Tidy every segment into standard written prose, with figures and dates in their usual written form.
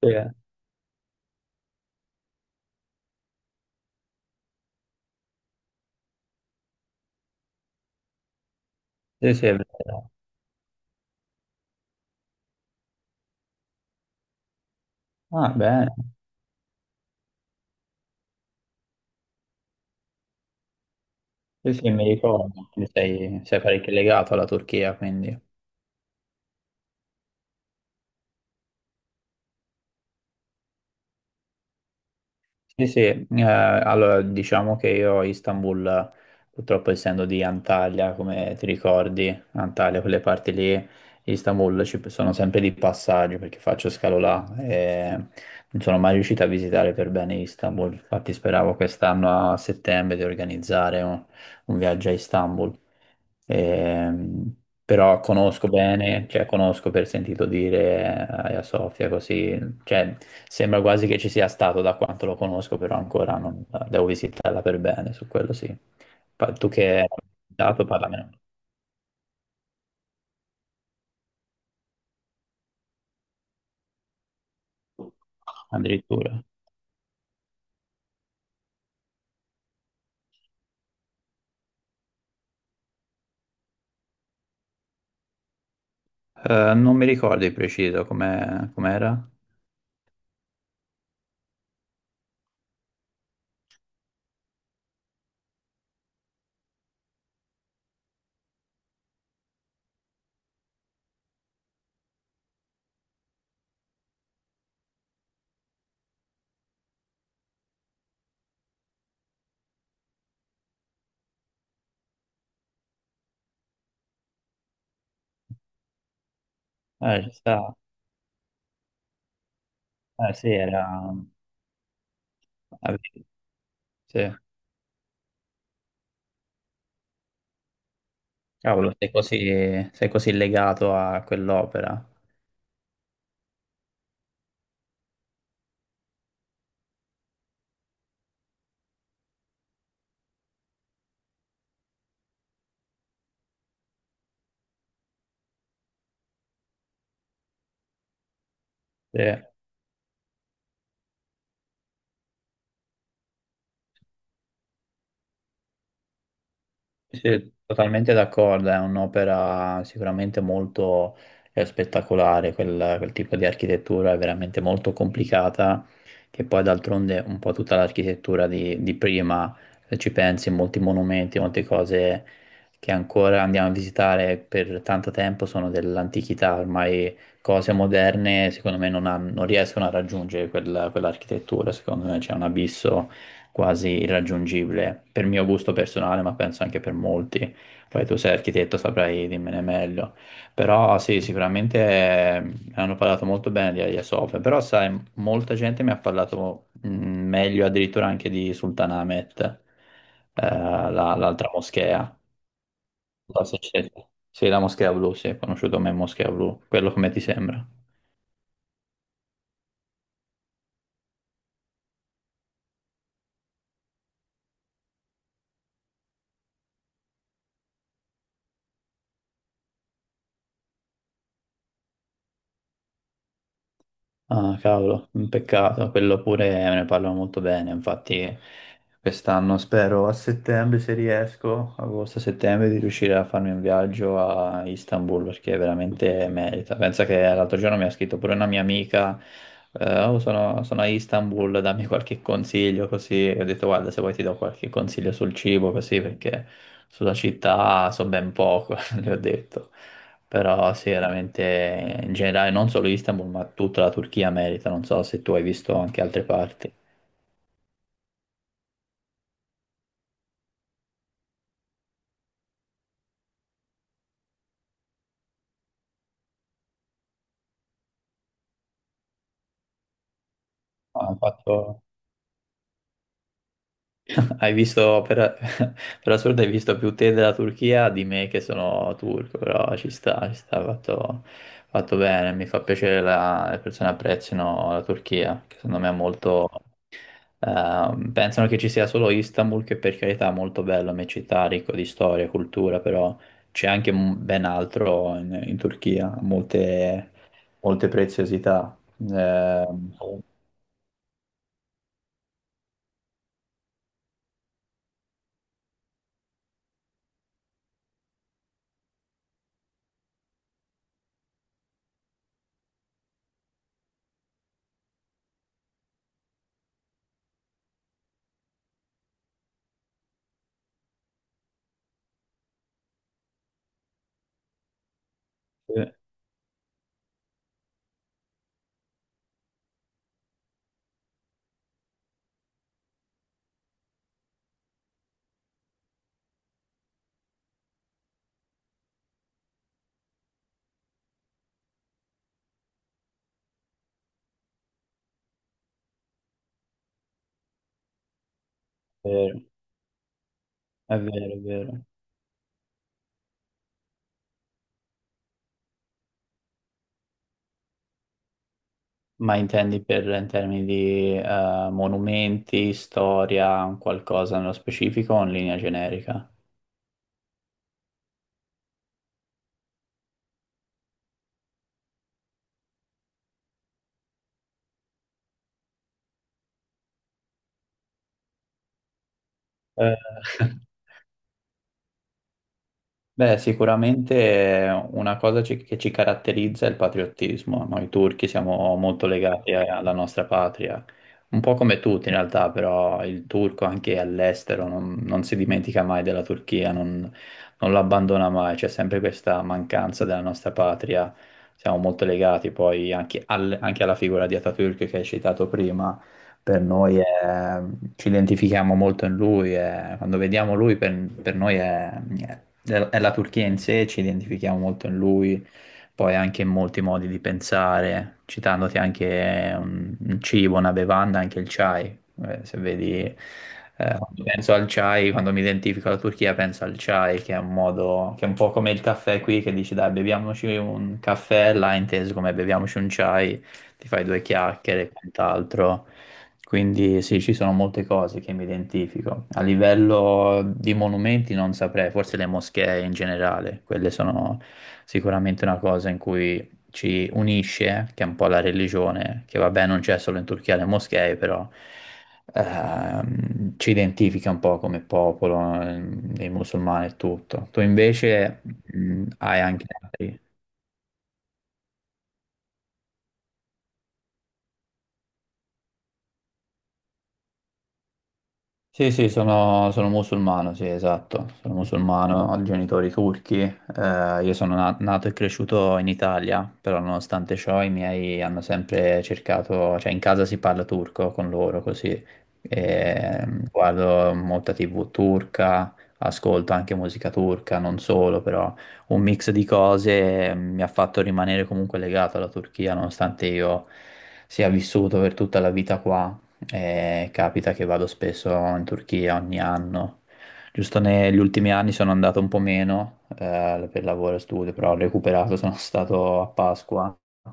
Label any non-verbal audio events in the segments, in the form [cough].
Sì, eh. Sì, sì, è vero. Ah, bene. Sì, sì, mi ricordo che sei parecchio legato alla Turchia, quindi. Sì, sì, allora diciamo che io a Istanbul, purtroppo essendo di Antalya, come ti ricordi, Antalya, quelle parti lì, Istanbul ci sono sempre di passaggio perché faccio scalo là e non sono mai riuscito a visitare per bene Istanbul. Infatti speravo quest'anno a settembre di organizzare un viaggio a Istanbul. Ehm, però conosco bene, cioè conosco per sentito dire a Sofia così, cioè sembra quasi che ci sia stato da quanto lo conosco, però ancora non devo visitarla per bene, su quello sì. Tu che hai dato, parlamene addirittura. Non mi ricordo di preciso come com'era. Ci sta. Sì, era. avevi- Sì. Cavolo, sei così legato a quell'opera. Sì. Sì, totalmente d'accordo, è un'opera sicuramente molto spettacolare, quel tipo di architettura è veramente molto complicata, che poi d'altronde un po' tutta l'architettura di prima, se ci pensi, molti monumenti, molte cose che ancora andiamo a visitare per tanto tempo sono dell'antichità. Ormai cose moderne secondo me non, non riescono a raggiungere quell'architettura, secondo me c'è un abisso quasi irraggiungibile per mio gusto personale, ma penso anche per molti. Poi tu sei architetto, saprai dimmene meglio. Però sì, sicuramente mi hanno parlato molto bene di Hagia Sophia, però sai, molta gente mi ha parlato meglio addirittura anche di Sultanahmet, l'altra moschea. Non so se c'è- Sì, la moschea blu, sì, è conosciuto come moschea blu, quello come ti sembra. Ah, cavolo, un peccato, quello pure ne parlano molto bene, infatti quest'anno spero a settembre se riesco, agosto-settembre, di riuscire a farmi un viaggio a Istanbul perché veramente merita. Pensa che l'altro giorno mi ha scritto pure una mia amica, "Oh, sono a Istanbul, dammi qualche consiglio così", e ho detto: guarda, se vuoi ti do qualche consiglio sul cibo così, perché sulla città so ben poco, [laughs] le ho detto. Però sì, veramente in generale non solo Istanbul, ma tutta la Turchia merita, non so se tu hai visto anche altre parti. Ha fatto Hai visto, per, [laughs] per assurdo, hai visto più te della Turchia di me che sono turco, però ci sta, fatto bene. Mi fa piacere le persone apprezzino la Turchia, che secondo me è molto. Pensano che ci sia solo Istanbul, che per carità è molto bello, è una città ricca di storia e cultura, però c'è anche ben altro in Turchia, molte preziosità. Sì, sì, è vero, è vero. È vero. Ma intendi per in termini di monumenti, storia, qualcosa nello specifico o in linea generica? Eh, [laughs] Beh, sicuramente una cosa che ci caratterizza è il patriottismo. Noi turchi siamo molto legati alla nostra patria, un po' come tutti in realtà, però il turco anche all'estero non si dimentica mai della Turchia, non l'abbandona mai, c'è sempre questa mancanza della nostra patria. Siamo molto legati poi anche, anche alla figura di Atatürk che hai citato prima, per noi ci identifichiamo molto in lui, quando vediamo lui, per noi è la Turchia in sé, ci identifichiamo molto in lui, poi anche in molti modi di pensare, citandoti anche un cibo, una bevanda, anche il chai. Se vedi, quando penso al chai, quando mi identifico alla Turchia penso al chai, che è un modo, che è un po' come il caffè qui, che dici dai beviamoci un caffè, là inteso come beviamoci un chai, ti fai due chiacchiere e quant'altro. Quindi sì, ci sono molte cose che mi identifico. A livello di monumenti non saprei, forse le moschee in generale, quelle sono sicuramente una cosa in cui ci unisce, che è un po' la religione, che vabbè non c'è solo in Turchia le moschee, però ci identifica un po' come popolo, i musulmani e tutto. Tu invece hai anche altri. Sì, sì, sono musulmano, sì, esatto, sono musulmano, ho genitori turchi, io sono nato e cresciuto in Italia, però nonostante ciò i miei hanno sempre cercato, cioè in casa si parla turco con loro così, e, guardo molta TV turca, ascolto anche musica turca, non solo, però un mix di cose mi ha fatto rimanere comunque legato alla Turchia, nonostante io sia vissuto per tutta la vita qua. E capita che vado spesso in Turchia ogni anno. Giusto negli ultimi anni sono andato un po' meno per lavoro e studio, però ho recuperato, [laughs] sono stato a Pasqua, eh,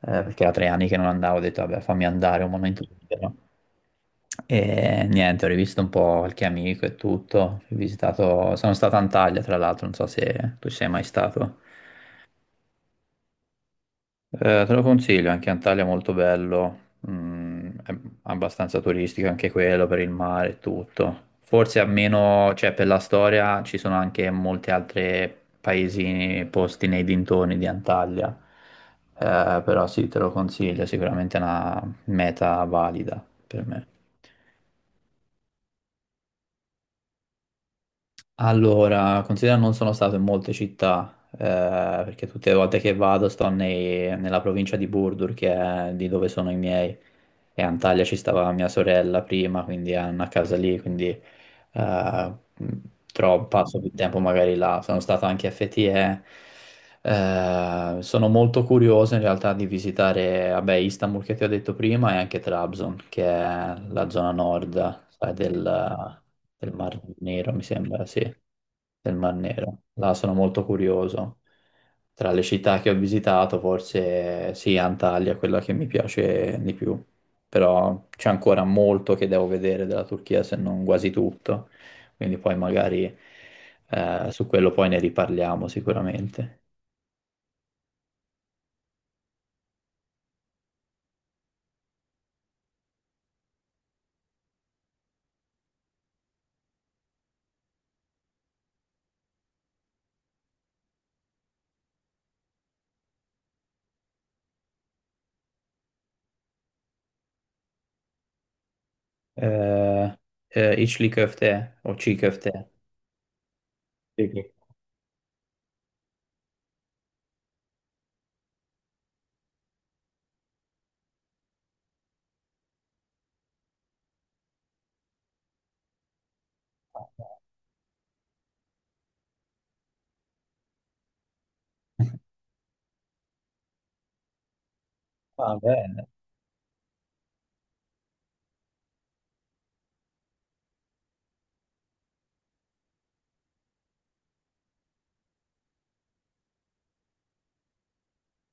perché era tre anni che non andavo, ho detto vabbè fammi andare un momento libero. E niente, ho rivisto un po' qualche amico e tutto, ho visitato, sono stato a Antalya tra l'altro, non so se tu ci sei mai stato. Te lo consiglio, anche Antalya è molto bello, è abbastanza turistico anche quello per il mare e tutto. Forse almeno, cioè per la storia ci sono anche molti altri paesini posti nei dintorni di Antalya. Però sì, te lo consiglio, è sicuramente una meta valida per me. Allora, considera non sono stato in molte città, perché tutte le volte che vado sto nella provincia di Burdur, che è di dove sono i miei, e a Antalya ci stava mia sorella prima, quindi ha una casa lì, quindi mh, passo più tempo magari là. Sono stato anche a Fethiye, sono molto curioso in realtà di visitare, vabbè, Istanbul, che ti ho detto prima, e anche Trabzon, che è la zona nord, sai, del Mar Nero, mi sembra, sì, del Mar Nero. Là sono molto curioso. Tra le città che ho visitato, forse sì, Antalya è quella che mi piace di più, però c'è ancora molto che devo vedere della Turchia, se non quasi tutto, quindi poi magari su quello poi ne riparliamo sicuramente. Eh, içli köfte, o çiğ köfte. Sì, sì. [laughs] Va bene,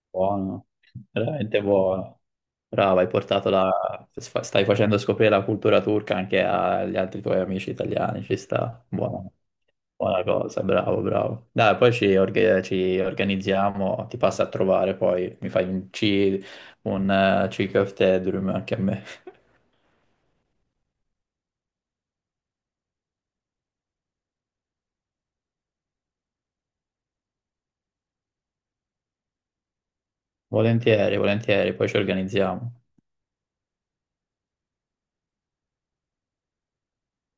buono, veramente buono. Brava, hai portato la. Stai facendo scoprire la cultura turca anche agli altri tuoi amici italiani, ci sta. Buono, buona cosa, bravo, bravo. Dai, poi ci organizziamo, ti passa a trovare, poi mi fai un cheek of the drum anche a me. [laughs] Volentieri, volentieri, poi ci organizziamo.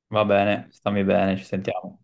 Va bene, stammi bene, ci sentiamo.